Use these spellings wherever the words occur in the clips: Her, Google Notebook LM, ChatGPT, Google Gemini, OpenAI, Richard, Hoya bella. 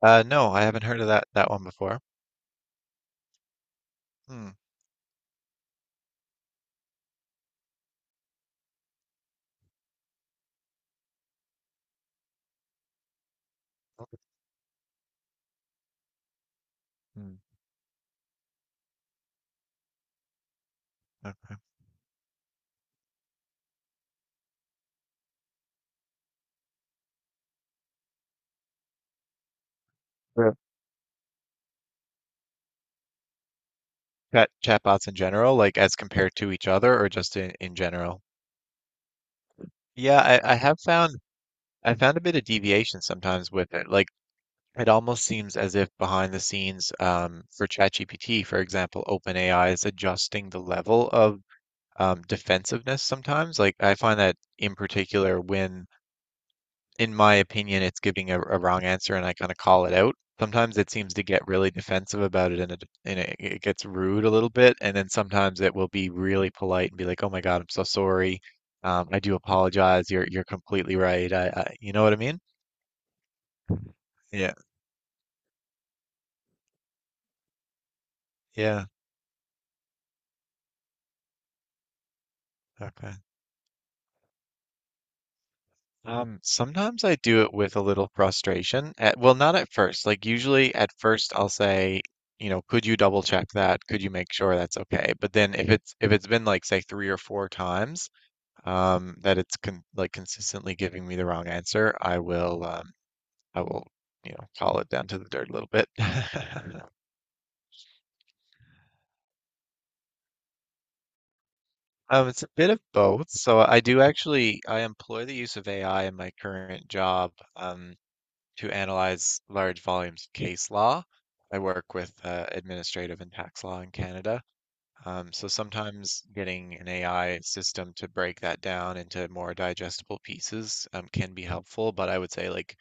No, I haven't heard of that one before. Hmm. Okay. Hmm. Okay. Yeah. Chat chatbots in general, like as compared to each other, or just in general. Yeah, I have found a bit of deviation sometimes with it. Like it almost seems as if behind the scenes, for ChatGPT, for example, OpenAI is adjusting the level of defensiveness sometimes. Like I find that in particular when in my opinion, it's giving a wrong answer and I kind of call it out. Sometimes it seems to get really defensive about it and it gets rude a little bit. And then sometimes it will be really polite and be like, "Oh my God, I'm so sorry. I do apologize. You're completely right. I you know what I mean? Yeah, yeah. Okay. Sometimes I do it with a little frustration. At, well, not at first. Like usually at first I'll say, you know, could you double check that? Could you make sure that's okay? But then if it's been like say three or four times, that it's con like consistently giving me the wrong answer, I will you know call it down to the dirt a little bit. It's a bit of both. So I do actually I employ the use of AI in my current job um, to analyze large volumes of case law. I work with administrative and tax law in Canada. So sometimes getting an AI system to break that down into more digestible pieces can be helpful, but I would say like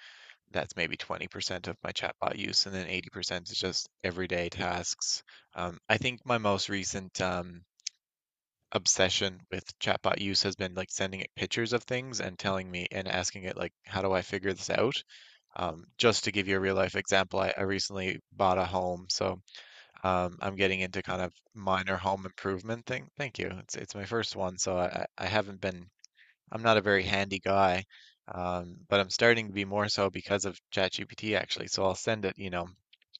that's maybe 20% of my chatbot use, and then 80% is just everyday tasks. I think my most recent obsession with chatbot use has been like sending it pictures of things and telling me and asking it like, how do I figure this out? Just to give you a real life example, I recently bought a home, so I'm getting into kind of minor home improvement thing. Thank you. It's my first one, so I haven't been I'm not a very handy guy, but I'm starting to be more so because of ChatGPT actually. So I'll send it, you know,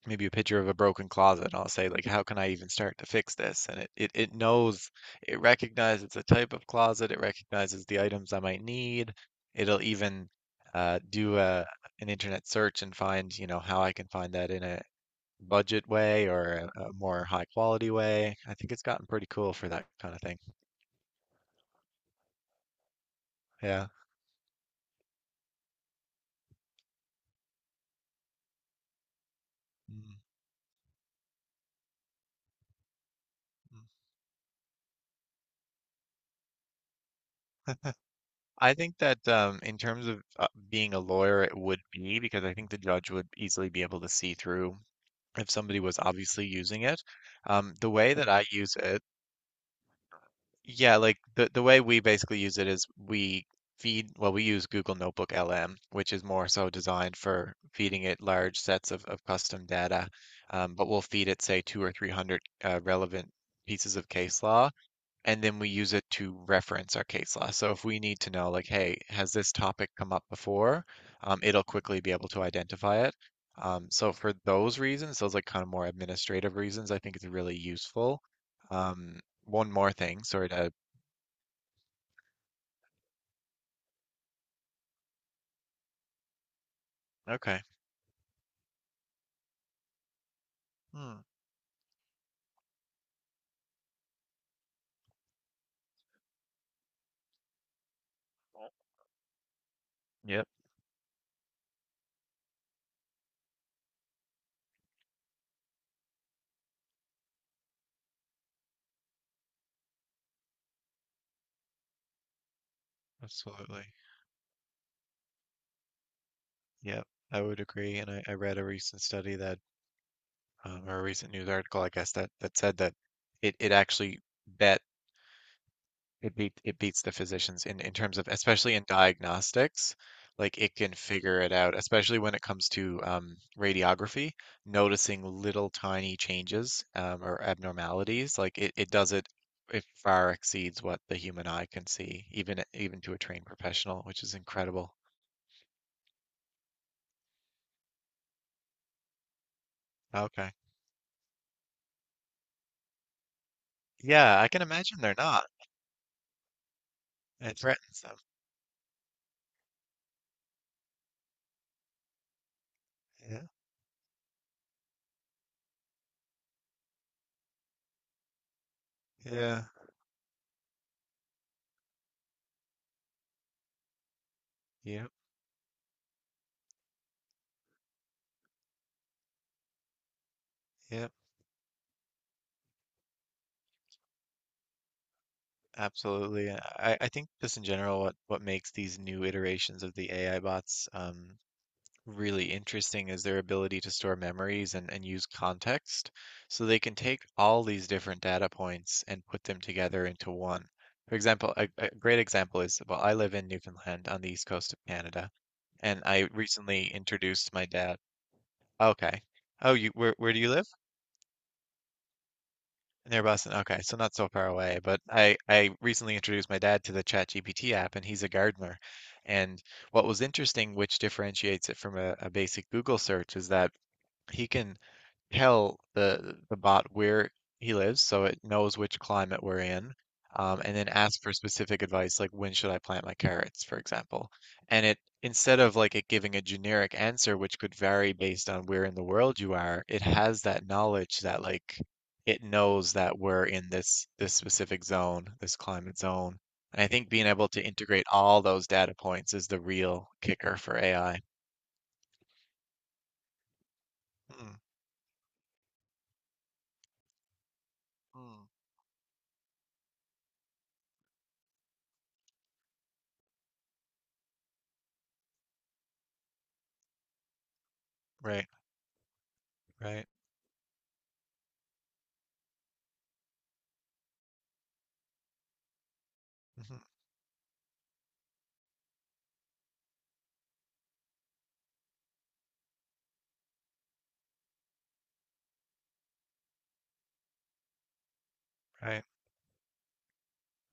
maybe a picture of a broken closet and I'll say like, how can I even start to fix this? And it knows, it recognizes the type of closet, it recognizes the items I might need. It'll even do an internet search and find, you know, how I can find that in a budget way or a more high quality way. I think it's gotten pretty cool for that kind of thing. Yeah. Mm, I think that in terms of being a lawyer, it would be because I think the judge would easily be able to see through if somebody was obviously using it. The way that I use it, yeah, like the way we basically use it is we feed, well, we use Google Notebook LM, which is more so designed for feeding it large sets of custom data. But we'll feed it, say, two or 300 relevant pieces of case law and then we use it to reference our case law. So if we need to know, like, hey, has this topic come up before? It'll quickly be able to identify it. So for those reasons, those like kind of more administrative reasons, I think it's really useful. Um, one more thing, sorry to. Okay. Hmm. Yep, absolutely. Yep, I would agree. And I read a recent study that, or a recent news article, I guess, that said that it actually bet It beat it beats the physicians in terms of especially in diagnostics, like it can figure it out, especially when it comes to radiography, noticing little tiny changes or abnormalities. Like it does it it far exceeds what the human eye can see, even even to a trained professional, which is incredible. Okay. Yeah, I can imagine they're not. It threatens them. Yeah. Yeah. Yep. Yep. Absolutely. And I think just in general, what makes these new iterations of the AI bots really interesting is their ability to store memories and use context. So they can take all these different data points and put them together into one. For example, a great example is, well, I live in Newfoundland on the east coast of Canada, and I recently introduced my dad. Okay. Oh, you, where do you live? Near Boston. Okay, so not so far away. But I recently introduced my dad to the ChatGPT app, and he's a gardener. And what was interesting, which differentiates it from a basic Google search, is that he can tell the bot where he lives, so it knows which climate we're in, and then ask for specific advice, like when should I plant my carrots, for example. And it instead of like it giving a generic answer, which could vary based on where in the world you are, it has that knowledge that like it knows that we're in this specific zone, this climate zone. And I think being able to integrate all those data points is the real kicker for AI. Mm, mm, right, right, mhm, right.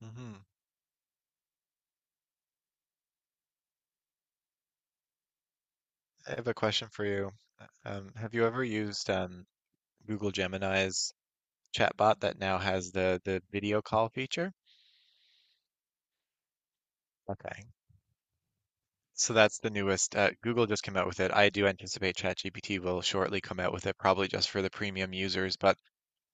Hmm. I have a question for you. Have you ever used Google Gemini's chatbot that now has the video call feature? Okay. So that's the newest. Google just came out with it. I do anticipate ChatGPT will shortly come out with it, probably just for the premium users, but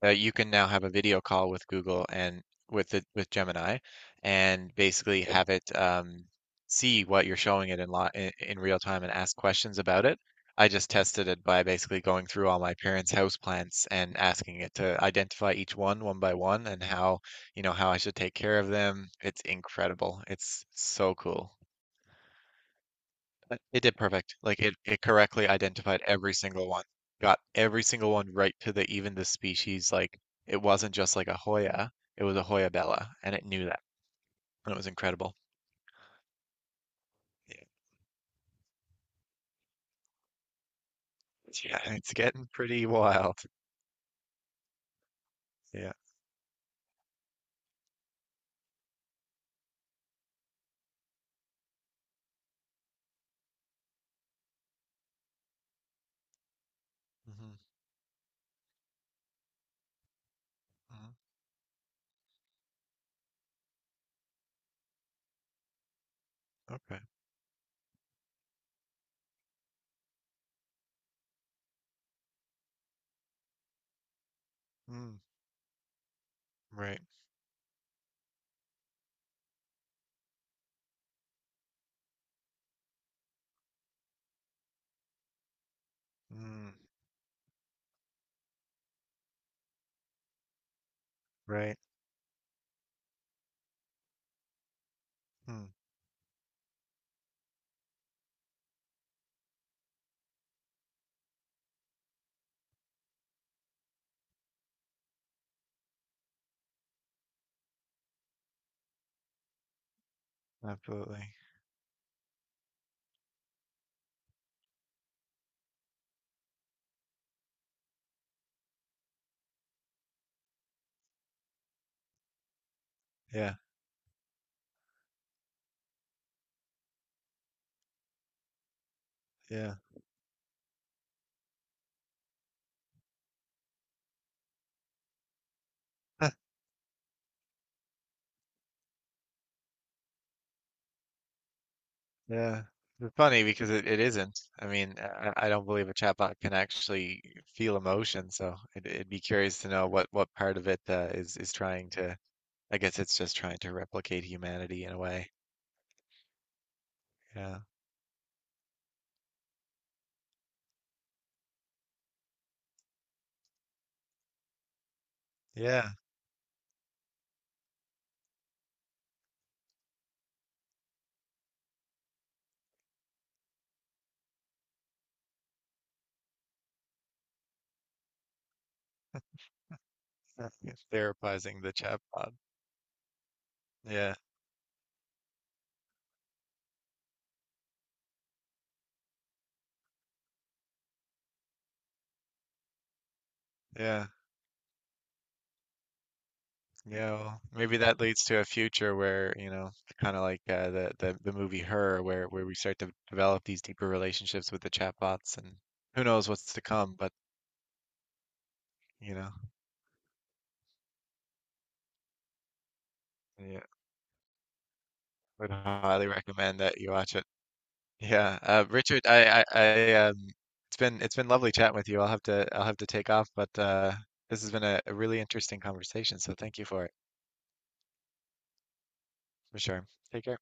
you can now have a video call with Google and with Gemini, and basically have it see what you're showing it in, li in real time and ask questions about it. I just tested it by basically going through all my parents' house plants and asking it to identify each one one by one and how, you know, how I should take care of them. It's incredible. It's so cool. But it did perfect. Like it correctly identified every single one. Got every single one right to the even the species. Like it wasn't just like a Hoya, it was a Hoya bella, and it knew that. And it was incredible. Yeah, yeah, it's getting pretty wild. Yeah. Hmm. Hmm. Okay. Mm, right. Mm, right. Mm, absolutely. Yeah. Yeah. Yeah, it's funny because it isn't. I mean, I don't believe a chatbot can actually feel emotion, so it'd be curious to know what part of it is trying to. I guess it's just trying to replicate humanity in a way. Yeah, yeah. It's therapizing the chatbot. Yeah, yeah, yeah. Well, maybe that leads to a future where you know, kind of like the movie Her, where we start to develop these deeper relationships with the chatbots, and who knows what's to come. But you know, yeah. Would highly recommend that you watch it. Yeah, Richard, it's been lovely chatting with you. I'll have to take off, but this has been a really interesting conversation. So thank you for it, for sure. Take care.